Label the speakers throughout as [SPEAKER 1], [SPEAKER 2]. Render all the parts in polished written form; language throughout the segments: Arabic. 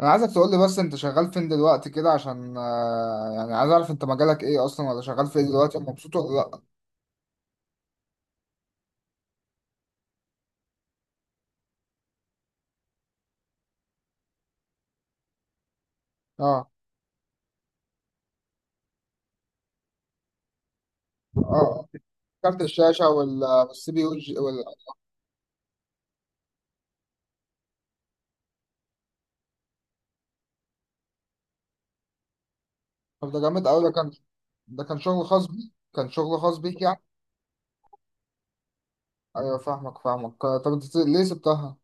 [SPEAKER 1] انا عايزك تقول لي بس انت شغال فين دلوقتي كده عشان يعني عايز اعرف انت مجالك ايه اصلا ولا شغال في ايه دلوقتي ومبسوط ولا لا. اه. اه كارت الشاشه والسي بي يو طب ده جامد قوي. ده كان، ده كان شغل خاص بيك، كان شغل خاص بيك يعني. ايوه، فاهمك فاهمك، طب انت ليه سبتها؟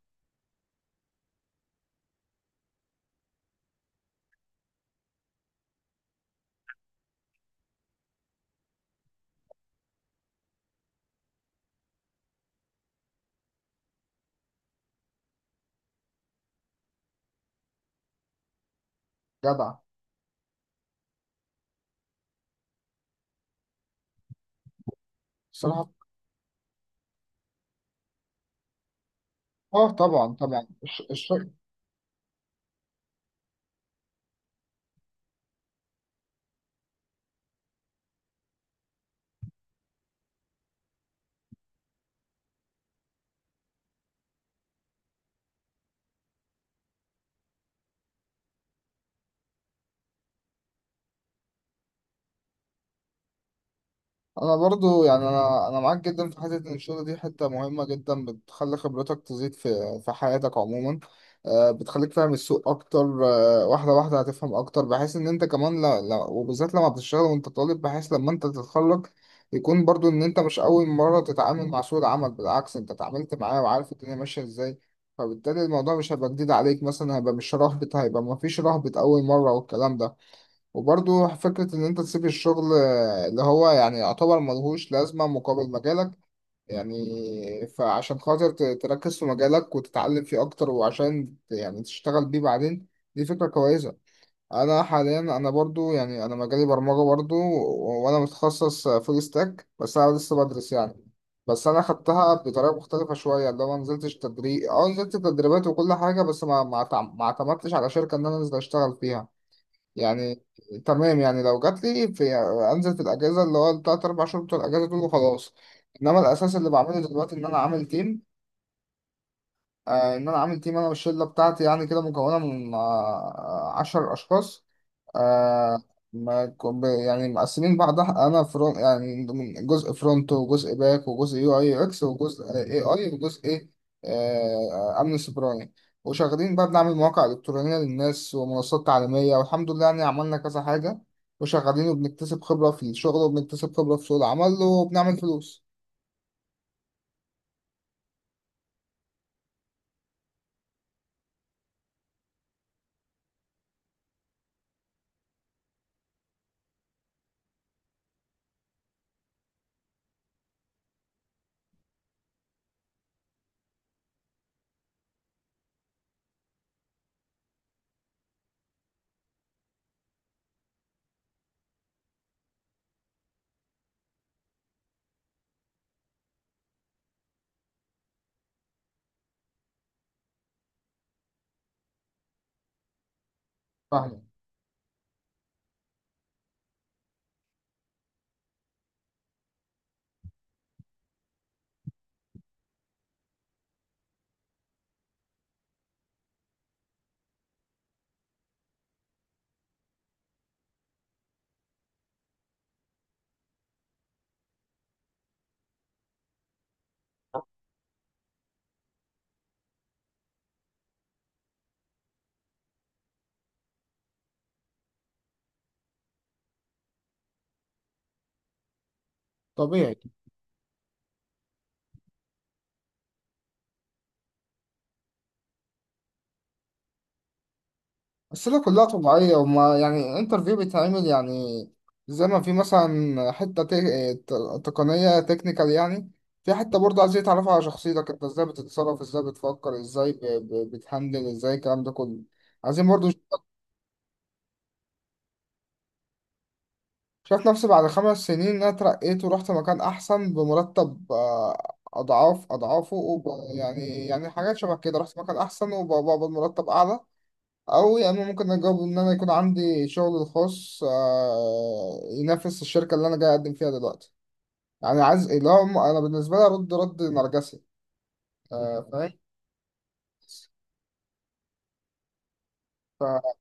[SPEAKER 1] جدع. الصراحه اه طبعا طبعا. انا برضو يعني انا معاك جدا في حته ان الشغل دي حته مهمه جدا، بتخلي خبرتك تزيد في حياتك عموما. بتخليك فاهم السوق اكتر، واحده واحده هتفهم اكتر، بحيث ان انت كمان لا لا، وبالذات لما بتشتغل وانت طالب، بحيث لما انت تتخرج يكون برضو ان انت مش اول مره تتعامل مع سوق العمل. بالعكس، انت اتعاملت معاه وعارف الدنيا ماشيه ازاي، فبالتالي الموضوع مش هيبقى جديد عليك. مثلا هيبقى مش رهبة، هيبقى مفيش رهبة أول مرة والكلام ده. وبرضه فكرة إن أنت تسيب الشغل اللي هو يعني يعتبر ملهوش لازمة مقابل مجالك يعني، فعشان خاطر تركز في مجالك وتتعلم فيه أكتر، وعشان يعني تشتغل بيه بعدين، دي فكرة كويسة. أنا حاليا، أنا برضه يعني أنا مجالي برمجة برضه، وأنا متخصص فول ستاك، بس أنا لسه بدرس يعني. بس أنا خدتها بطريقة مختلفة شوية، اللي هو ما نزلتش تدريب، أه نزلت تدريبات وكل حاجة، بس ما اعتمدتش على شركة إن أنا أنزل أشتغل فيها يعني. تمام، يعني لو جات لي في، انزل في الاجازه اللي هو التلات اربع شهور بتوع الاجازه دول وخلاص. انما الاساس اللي بعمله دلوقتي ان انا عامل تيم، ان انا عامل تيم انا والشله بتاعتي يعني كده، مكونه من عشر اشخاص. آه، ما ك- ب- يعني مقسمين بعضها، انا فرونت، يعني ضمن جزء فرونت وجزء باك وجزء يو اي يو اكس وجزء اي اي وجزء إيه؟ امن سيبراني. وشغالين بقى بنعمل مواقع الكترونيه للناس ومنصات تعليميه والحمد لله يعني عملنا كذا حاجه، وشغالين وبنكتسب خبره في الشغل وبنكتسب خبره في سوق العمل وبنعمل فلوس. فاهم. طبيعي. الأسئلة كلها طبيعية، وما يعني انترفيو بيتعمل يعني زي ما في مثلا حتة تقنية تكنيكال يعني، في حتة برضه عايز يتعرف على شخصيتك، انت ازاي بتتصرف، ازاي بتفكر، ازاي بتهندل، ازاي الكلام ده كله. عايزين برضه. شايف نفسي بعد 5 سنين إن انا اترقيت ورحت مكان احسن بمرتب اضعاف اضعافه يعني يعني حاجات شبه كده، رحت مكان احسن وبقبض مرتب اعلى. أو يا إما ممكن أجاوب إن أنا يكون عندي شغل الخاص ينافس الشركة اللي أنا جاي أقدم فيها دلوقتي، يعني عايز اللي هو أنا بالنسبة لي أرد رد نرجسي. فاهم. ف-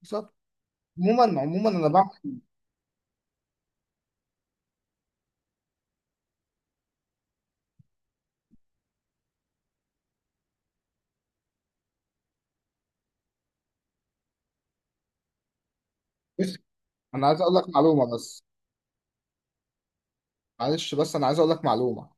[SPEAKER 1] بالظبط. عموما عموما أنا بعمل، بس أنا عايز أقول لك معلومة، بس معلش بس أنا عايز أقول لك معلومة.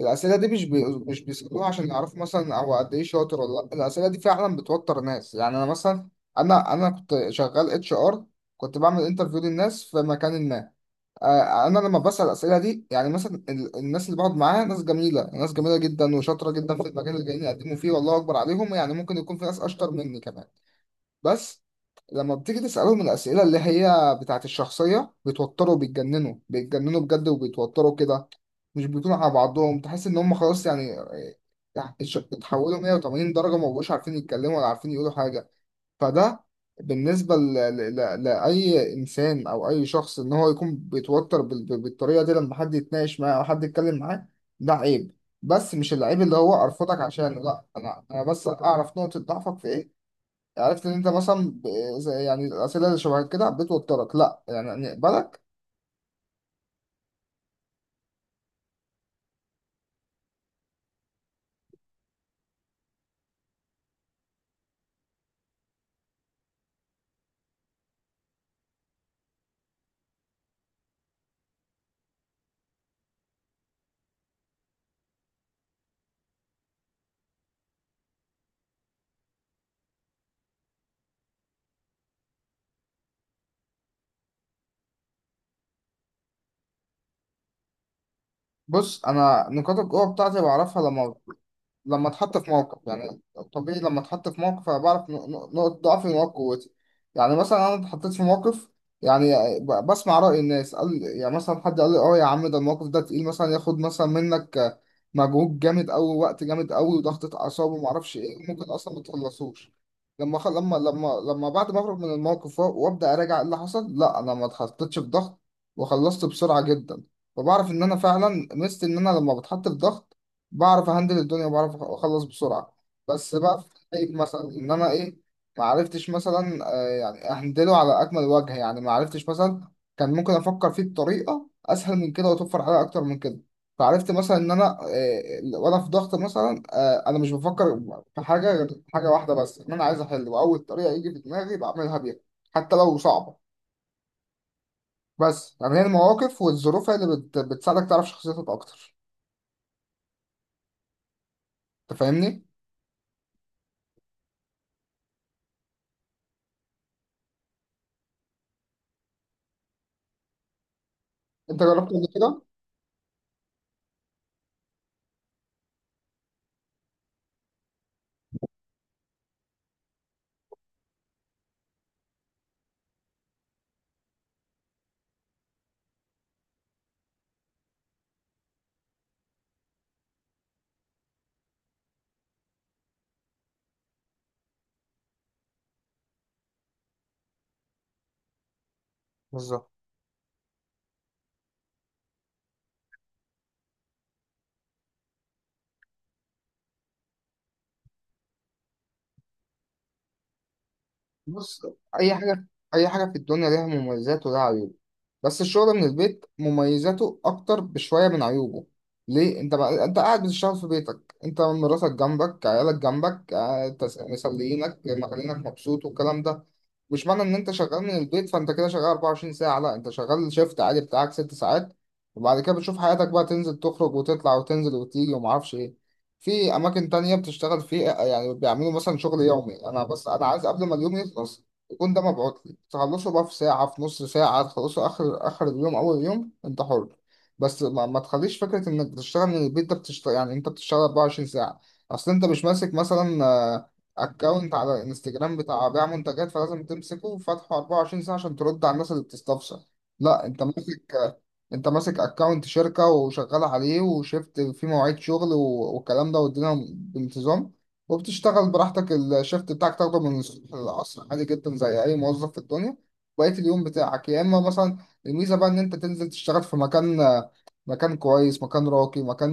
[SPEAKER 1] الأسئلة دي مش بيسألوها عشان يعرفوا مثلا هو قد إيه شاطر ولا لأ، الأسئلة دي فعلا بتوتر ناس. يعني أنا مثلا، أنا كنت شغال اتش ار، كنت بعمل انترفيو للناس في مكان ما. انا لما بسأل الاسئله دي يعني، مثلا الناس اللي بقعد معاها ناس جميله، ناس جميله جدا وشاطره جدا في المجال اللي جايين يقدموا فيه، والله اكبر عليهم، يعني ممكن يكون في ناس اشطر مني كمان. بس لما بتيجي تسالهم الاسئله اللي هي بتاعت الشخصيه، بيتوتروا، بيتجننوا بيتجننوا بجد وبيتوتروا كده، مش بيكونوا على بعضهم، تحس ان هم خلاص يعني، يعني اتحولوا 180 درجه، ما بقوش عارفين يتكلموا ولا عارفين يقولوا حاجه. فده بالنسبة لأي إنسان أو أي شخص، إن هو يكون بيتوتر بالطريقة دي لما حد يتناقش معاه أو حد يتكلم معاه، ده عيب. بس مش العيب اللي هو أرفضك عشانه لأ، أنا بس أعرف نقطة ضعفك في إيه. عرفت إن أنت مثلا يعني الأسئلة اللي شبه كده بتوترك، لأ يعني نقبلك. بص أنا نقاط القوة بتاعتي بعرفها لما، لما اتحط في موقف يعني. طبيعي لما اتحط في موقف انا بعرف نقط ضعفي ونقط قوتي. يعني مثلا انا اتحطيت في موقف، يعني بسمع رأي الناس، قال يعني مثلا حد قال لي اه يا عم ده الموقف ده تقيل، مثلا ياخد مثلا منك مجهود جامد قوي، وقت جامد قوي وضغطة اعصاب وما اعرفش ايه، ممكن اصلا ما تخلصوش. لما لما بعد ما اخرج من الموقف وابدا اراجع إيه اللي حصل، لا انا ما اتحطيتش في ضغط وخلصت بسرعة جدا. فبعرف ان انا فعلا مست ان انا لما بتحط في ضغط بعرف اهندل الدنيا وبعرف اخلص بسرعه. بس بقى في حقيقة مثلا ان انا ايه، ما عرفتش مثلا يعني اهندله على اكمل وجه. يعني ما عرفتش مثلا كان ممكن افكر فيه بطريقه اسهل من كده وتوفر عليا اكتر من كده. فعرفت مثلا ان انا وانا في ضغط مثلا انا مش بفكر في حاجه غير حاجه واحده بس، ان انا عايز احل، واول طريقه يجي في دماغي بعملها بيها حتى لو صعبه. بس يعني هي المواقف والظروف هي اللي بتساعدك تعرف شخصيتك اكتر. انت فاهمني؟ انت جربت قبل كده؟ بالظبط. بص، أي حاجة، أي حاجة في الدنيا ليها مميزات ولها عيوب، بس الشغل من البيت مميزاته أكتر بشوية من عيوبه. ليه؟ أنت بقى أنت قاعد بتشتغل في بيتك، أنت مراتك جنبك، عيالك جنبك، مسلينك مخلينك مبسوط والكلام ده. مش معنى إن أنت شغال من البيت فأنت كده شغال 24 ساعة، لا أنت شغال شيفت عادي بتاعك 6 ساعات، وبعد كده بتشوف حياتك بقى، تنزل تخرج وتطلع وتنزل وتيجي ومعرفش إيه. في اماكن تانية بتشتغل فيه، يعني بيعملوا مثلا شغل يومي، انا بس انا عايز قبل ما اليوم يخلص يكون ده مبعوت لي، تخلصه بقى في ساعة، في نص ساعة تخلصه، اخر اخر اليوم اول يوم انت حر. بس ما تخليش فكرة انك بتشتغل من البيت ده بتشتغل يعني انت بتشتغل 24 ساعة. اصل انت مش ماسك مثلا اكونت على الانستجرام بتاع بيع منتجات فلازم تمسكه وفتحه 24 ساعة عشان ترد على الناس اللي بتستفسر، لا انت ماسك، انت ماسك اكونت شركة وشغال عليه وشفت في مواعيد شغل والكلام ده والدنيا بانتظام، وبتشتغل براحتك، الشفت بتاعك تاخده من الصبح للعصر عادي جدا زي اي موظف في الدنيا. بقية اليوم بتاعك يا اما مثلا الميزة بقى ان انت تنزل تشتغل في مكان، مكان كويس، مكان راقي، مكان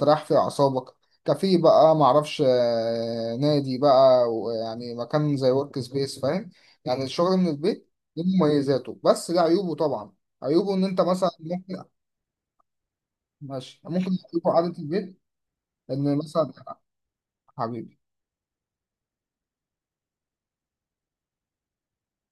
[SPEAKER 1] تريح فيه اعصابك، كافيه بقى معرفش نادي بقى، يعني مكان زي ورك سبيس فاهم. يعني الشغل من البيت له مميزاته بس له عيوبه طبعا. عيوبه ان انت مثلا ممكن، ماشي ممكن، عيوبه قعدة البيت، ان مثلا حبيبي.